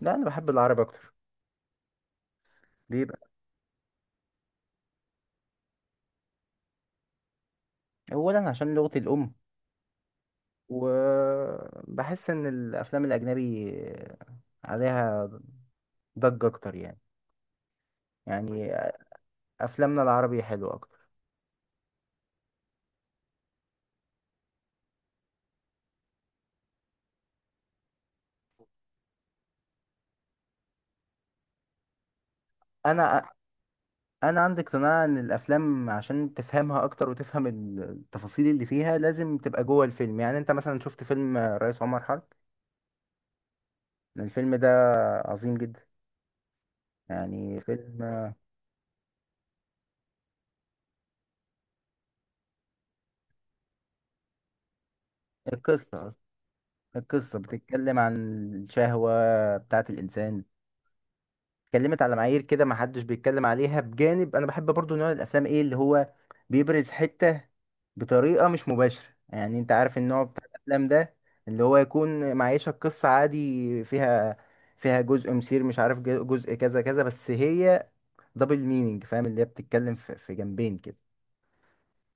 لا، انا بحب العربي اكتر. ليه بقى؟ اولا عشان لغتي الام، وبحس ان الافلام الاجنبي عليها ضجة اكتر. يعني افلامنا العربي حلوة اكتر. انا انا عندي اقتناع ان الافلام عشان تفهمها اكتر وتفهم التفاصيل اللي فيها لازم تبقى جوه الفيلم. يعني انت مثلا شفت فيلم الرئيس عمر حرب؟ الفيلم ده عظيم جدا. يعني فيلم. القصة القصة بتتكلم عن الشهوة بتاعة الإنسان. اتكلمت على معايير كده ما حدش بيتكلم عليها، بجانب انا بحب برضو نوع الافلام ايه، اللي هو بيبرز حتة بطريقة مش مباشرة. يعني انت عارف النوع بتاع الافلام ده، اللي هو يكون معيشك قصة عادي فيها، فيها جزء مثير، مش عارف، جزء كذا كذا، بس هي دبل مينينج، فاهم؟ اللي هي بتتكلم في في جنبين كده،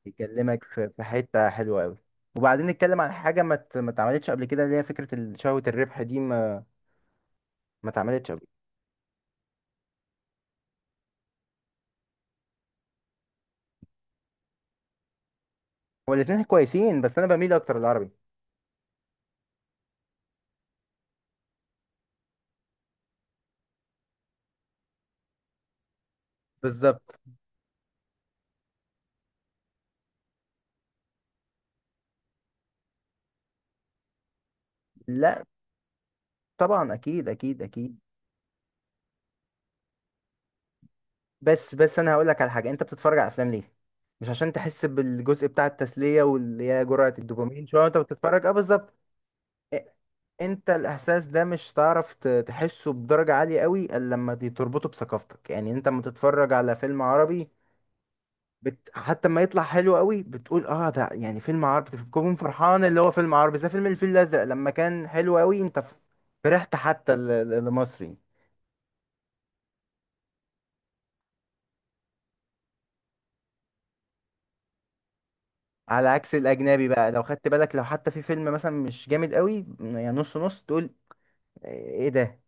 بيكلمك في في حتة حلوة قوي. وبعدين نتكلم عن حاجة ما اتعملتش قبل كده، اللي هي فكرة شهوة الربح دي. ما ما اتعملتش قبل. هو الاتنين كويسين، بس انا بميل اكتر للعربي. بالظبط. لا، طبعا، اكيد اكيد اكيد. بس انا هقول لك على حاجه. انت بتتفرج على افلام ليه؟ مش عشان تحس بالجزء بتاع التسليه، واللي هي جرعه الدوبامين شويه وانت بتتفرج. اه بالظبط. إ- انت الاحساس ده مش تعرف تحسه بدرجه عاليه قوي الا لما تربطه بثقافتك. يعني انت لما تتفرج على فيلم عربي حتى ما يطلع حلو قوي بتقول اه ده يعني فيلم عربي، بتكون فرحان اللي هو فيلم عربي. زي فيلم الفيل الازرق لما كان حلو قوي، انت فرحت حتى لمصري. على عكس الاجنبي بقى، لو خدت بالك لو حتى في فيلم مثلا مش جامد قوي يعني نص نص، تقول ايه ده،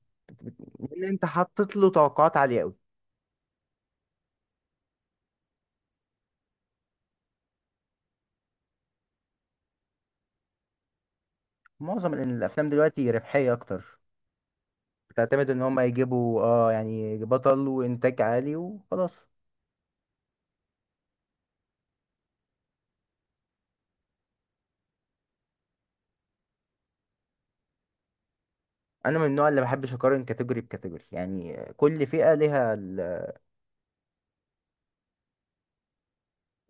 لان انت حطيت له توقعات عاليه قوي. معظم الافلام دلوقتي ربحيه اكتر، بتعتمد ان هم يجيبوا اه يعني بطل وانتاج عالي وخلاص. انا من النوع اللي بحبش اقارن كاتيجوري بكاتيجوري، يعني كل فئه ليها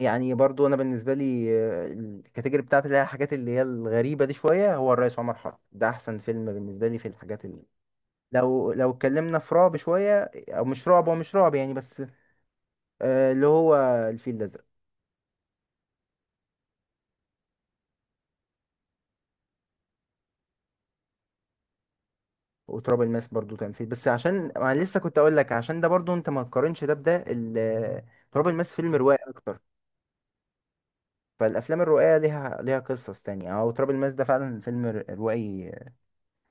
يعني برضو انا بالنسبه لي الكاتيجوري بتاعتي اللي هي الحاجات اللي هي الغريبه دي شويه، هو الرئيس عمر حرب ده احسن فيلم بالنسبه لي في الحاجات. لو لو اتكلمنا في رعب شوية، او مش رعب، هو مش رعب يعني، بس اللي هو الفيل الازرق. وتراب الماس برضو كان فيل، بس عشان انا لسه كنت اقول لك، عشان ده برضو انت ما تقارنش ده بده. تراب الماس فيلم روائي اكتر، فالافلام الروائيه ليها ليها قصص تانية. او تراب الماس ده فعلا فيلم روائي،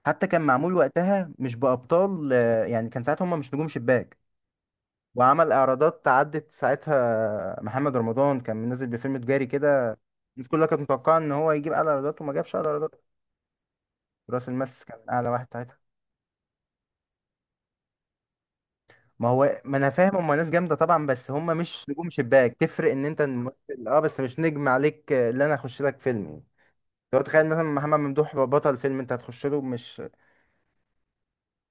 حتى كان معمول وقتها مش بابطال، يعني كان ساعتها هم مش نجوم شباك. وعمل اعراضات عدت، ساعتها محمد رمضان كان منزل بفيلم تجاري كده، الناس كلها كانت متوقعه ان هو يجيب اعلى ايرادات، وما جابش اعلى ايرادات. راس المس كان اعلى واحد ساعتها. ما هو ما انا فاهم، هم ناس جامده طبعا، بس هم مش نجوم شباك. تفرق ان انت الممثل اه، بس مش نجم عليك اللي انا اخش لك فيلم يعني. لو تخيل مثلا محمد ممدوح بطل فيلم، انت هتخش له؟ مش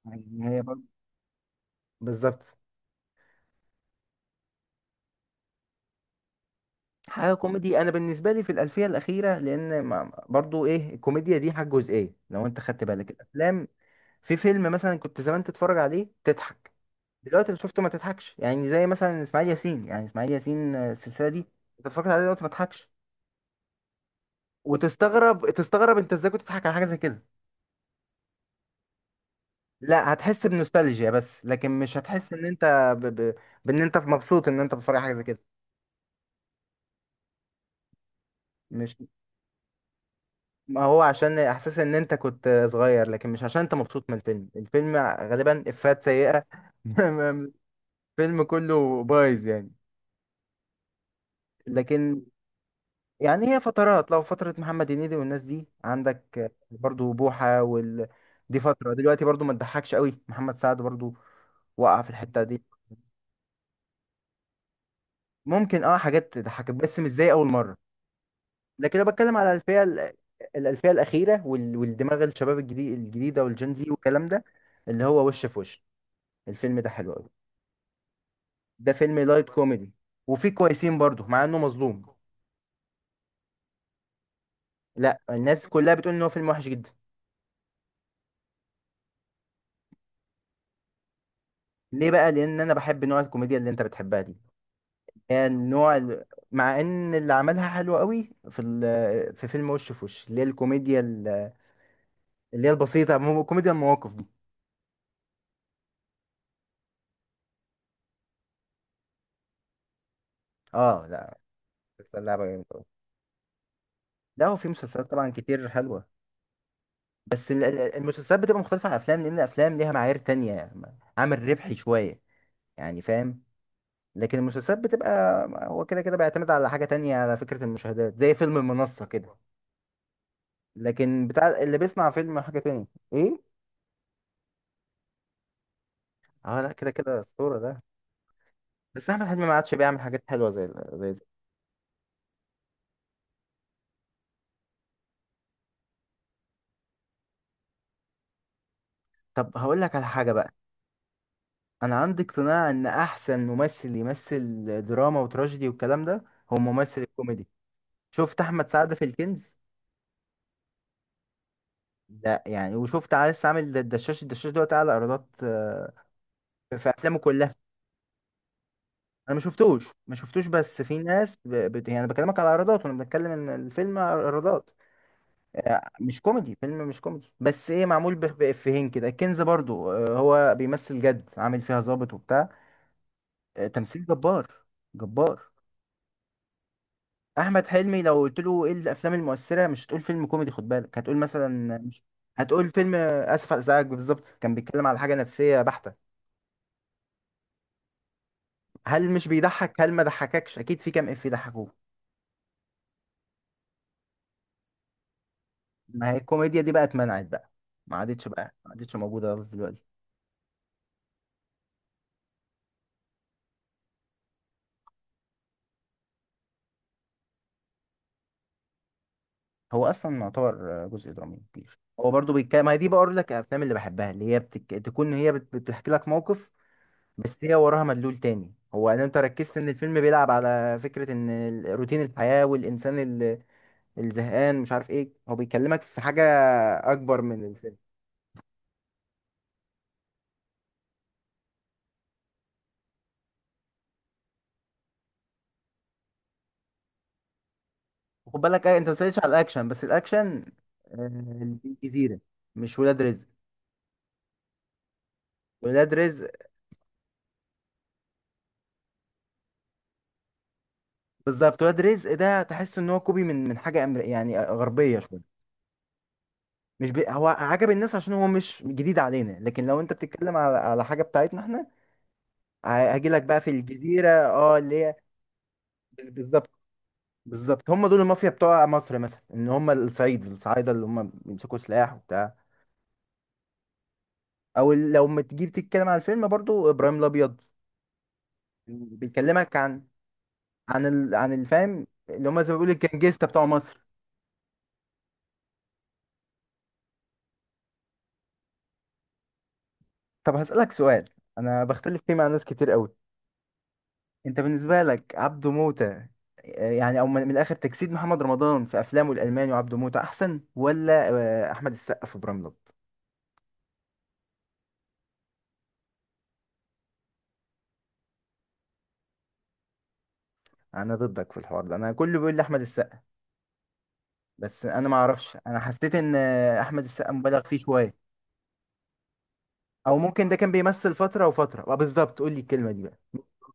يعني. هي برضه بالظبط. حاجه كوميدي. انا بالنسبه لي في الالفيه الاخيره، لان برضو ايه، الكوميديا دي حاجه جزئيه لو انت خدت بالك الافلام. في فيلم مثلا كنت زمان تتفرج عليه تضحك، دلوقتي اللي شفته ما تضحكش. يعني زي مثلا اسماعيل ياسين، يعني اسماعيل ياسين السلسله دي انت اتفرجت عليه دلوقتي ما تضحكش، وتستغرب انت ازاي كنت تضحك على حاجه زي كده. لا، هتحس بنوستالجيا، بس لكن مش هتحس ان انت ب... ب... بان انت مبسوط ان انت بتتفرج على حاجه زي كده. مش ما هو عشان احساس ان انت كنت صغير، لكن مش عشان انت مبسوط من الفيلم. الفيلم غالبا افات سيئه. الفيلم كله بايظ يعني. لكن يعني هي فترات، لو فتره محمد هنيدي والناس دي عندك برضو بوحه دي فتره دلوقتي برضو ما تضحكش قوي. محمد سعد برضو وقع في الحته دي. ممكن اه حاجات تضحكك، بس مش زي اول مره. لكن انا بتكلم على الالفيه الاخيره والدماغ الشباب الجديد الجديده والجين زي والكلام ده، اللي هو وش في وش. الفيلم ده حلو قوي. ده فيلم لايت كوميدي، وفيه كويسين برضه مع انه مظلوم. لا الناس كلها بتقول ان هو فيلم وحش جدا. ليه بقى؟ لان انا بحب نوع الكوميديا اللي انت بتحبها دي، يعني نوع مع ان اللي عملها حلو قوي في في فيلم وش في وش، اللي هي الكوميديا اللي هي البسيطه، كوميديا المواقف دي. اه لا، بس اللعبه جامدة. لا هو في مسلسلات طبعا كتير حلوة، بس المسلسلات بتبقى مختلفة عن الأفلام، لأن الأفلام ليها معايير تانية، عامل ربحي شوية، يعني فاهم. لكن المسلسلات بتبقى، هو كده كده بيعتمد على حاجة تانية على فكرة المشاهدات، زي فيلم المنصة كده، لكن بتاع اللي بيصنع فيلم حاجة تانية. إيه؟ اه لا، كده كده أسطورة ده. بس أحمد حلمي ما عادش بيعمل حاجات حلوة زي زي. طب هقول لك على حاجة بقى. أنا عندي اقتناع إن أحسن ممثل يمثل دراما وتراجيدي والكلام ده هو ممثل الكوميدي. شفت أحمد سعد في الكنز؟ ده يعني، وشفت عايز عامل الدشاش. الدشاش دوت اعلى ايرادات في افلامه كلها. انا ما شفتوش ما شفتوش، بس في ناس يعني بكلمك على ايرادات، وانا بتكلم ان الفيلم ايرادات. مش كوميدي. فيلم مش كوميدي، بس ايه، معمول بافيهين كده. الكنز برضو هو بيمثل جد، عامل فيها ظابط وبتاع، تمثيل جبار، جبار. احمد حلمي لو قلت له ايه الافلام المؤثره، مش هتقول فيلم كوميدي، خد بالك، هتقول مثلا، مش هتقول فيلم اسف على الازعاج. بالظبط، كان بيتكلم على حاجه نفسيه بحته. هل مش بيضحك؟ هل ما ضحككش؟ اكيد في كام اف ضحكوه. ما هي الكوميديا دي بقى اتمنعت بقى، ما عادتش بقى، ما عادتش موجوده خالص دلوقتي. هو اصلا يعتبر جزء درامي كبير. هو برضو بيتكلم، ما هي دي بقول لك الافلام اللي بحبها، اللي هي تكون هي بتحكي لك موقف، بس هي وراها مدلول تاني. هو ان انت ركزت ان الفيلم بيلعب على فكره ان روتين الحياه، والانسان الزهقان، مش عارف ايه، هو بيكلمك في حاجه اكبر من الفيلم. وخد بالك انت ما سالتش على الاكشن. بس الاكشن آه، الجزيره، مش ولاد رزق. ولاد رزق بالظبط، ولاد رزق ده تحس ان هو كوبي من من حاجه يعني غربيه شويه. مش بي... هو عجب الناس عشان هو مش جديد علينا، لكن لو انت بتتكلم على على حاجه بتاعتنا احنا، هاجي لك بقى في الجزيره، اه اللي هي بالظبط، بالظبط، هم دول المافيا بتوع مصر مثلا، ان هم الصعيد، الصعايده اللي هم بيمسكوا سلاح وبتاع. او لو ما تجيب تتكلم على الفيلم برضو ابراهيم الابيض، بيكلمك عن عن الفهم، اللي هم زي ما بيقولوا الجنجستا بتوع مصر. طب هسألك سؤال، انا بختلف فيه مع ناس كتير قوي. انت بالنسبه لك عبده موته يعني، او من من الاخر، تجسيد محمد رمضان في افلامه الالماني وعبده موته احسن، ولا احمد السقا في براملت؟ انا ضدك في الحوار ده. انا كله بيقول لي احمد السقا، بس انا ما اعرفش، انا حسيت ان احمد السقا مبالغ فيه شويه. او ممكن ده كان بيمثل فتره، وفتره بالظبط، قول لي الكلمه دي بقى.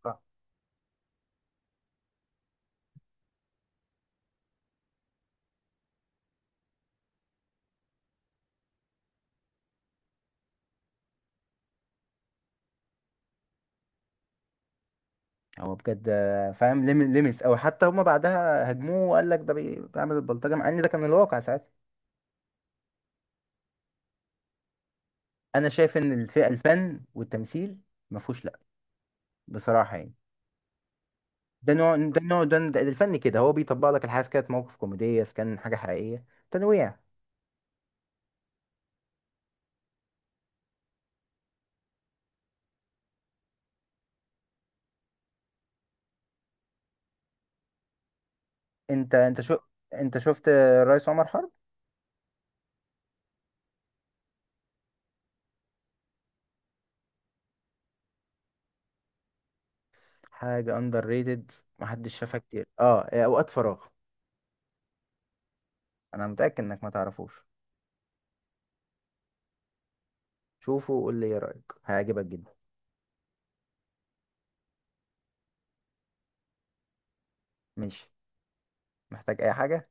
آه. هو بجد فاهم، لمس، او حتى هما بعدها هجموه وقال لك ده بيعمل البلطجه، مع ان ده كان الواقع ساعتها. انا شايف ان الفئه، الفن والتمثيل ما فيهوش لا، بصراحه يعني. ده نوع ده الفن كده، هو بيطبق لك الحاجه، إذا كانت موقف كوميديا، إذا كان حاجه حقيقيه، تنويع. انت انت شفت الرئيس عمر حرب؟ حاجه اندر ريتد، محدش شافها كتير، اه، اوقات فراغ. انا متاكد انك ما تعرفوش. شوفه وقول لي ايه رايك، هيعجبك جدا. ماشي، محتاج اي حاجه؟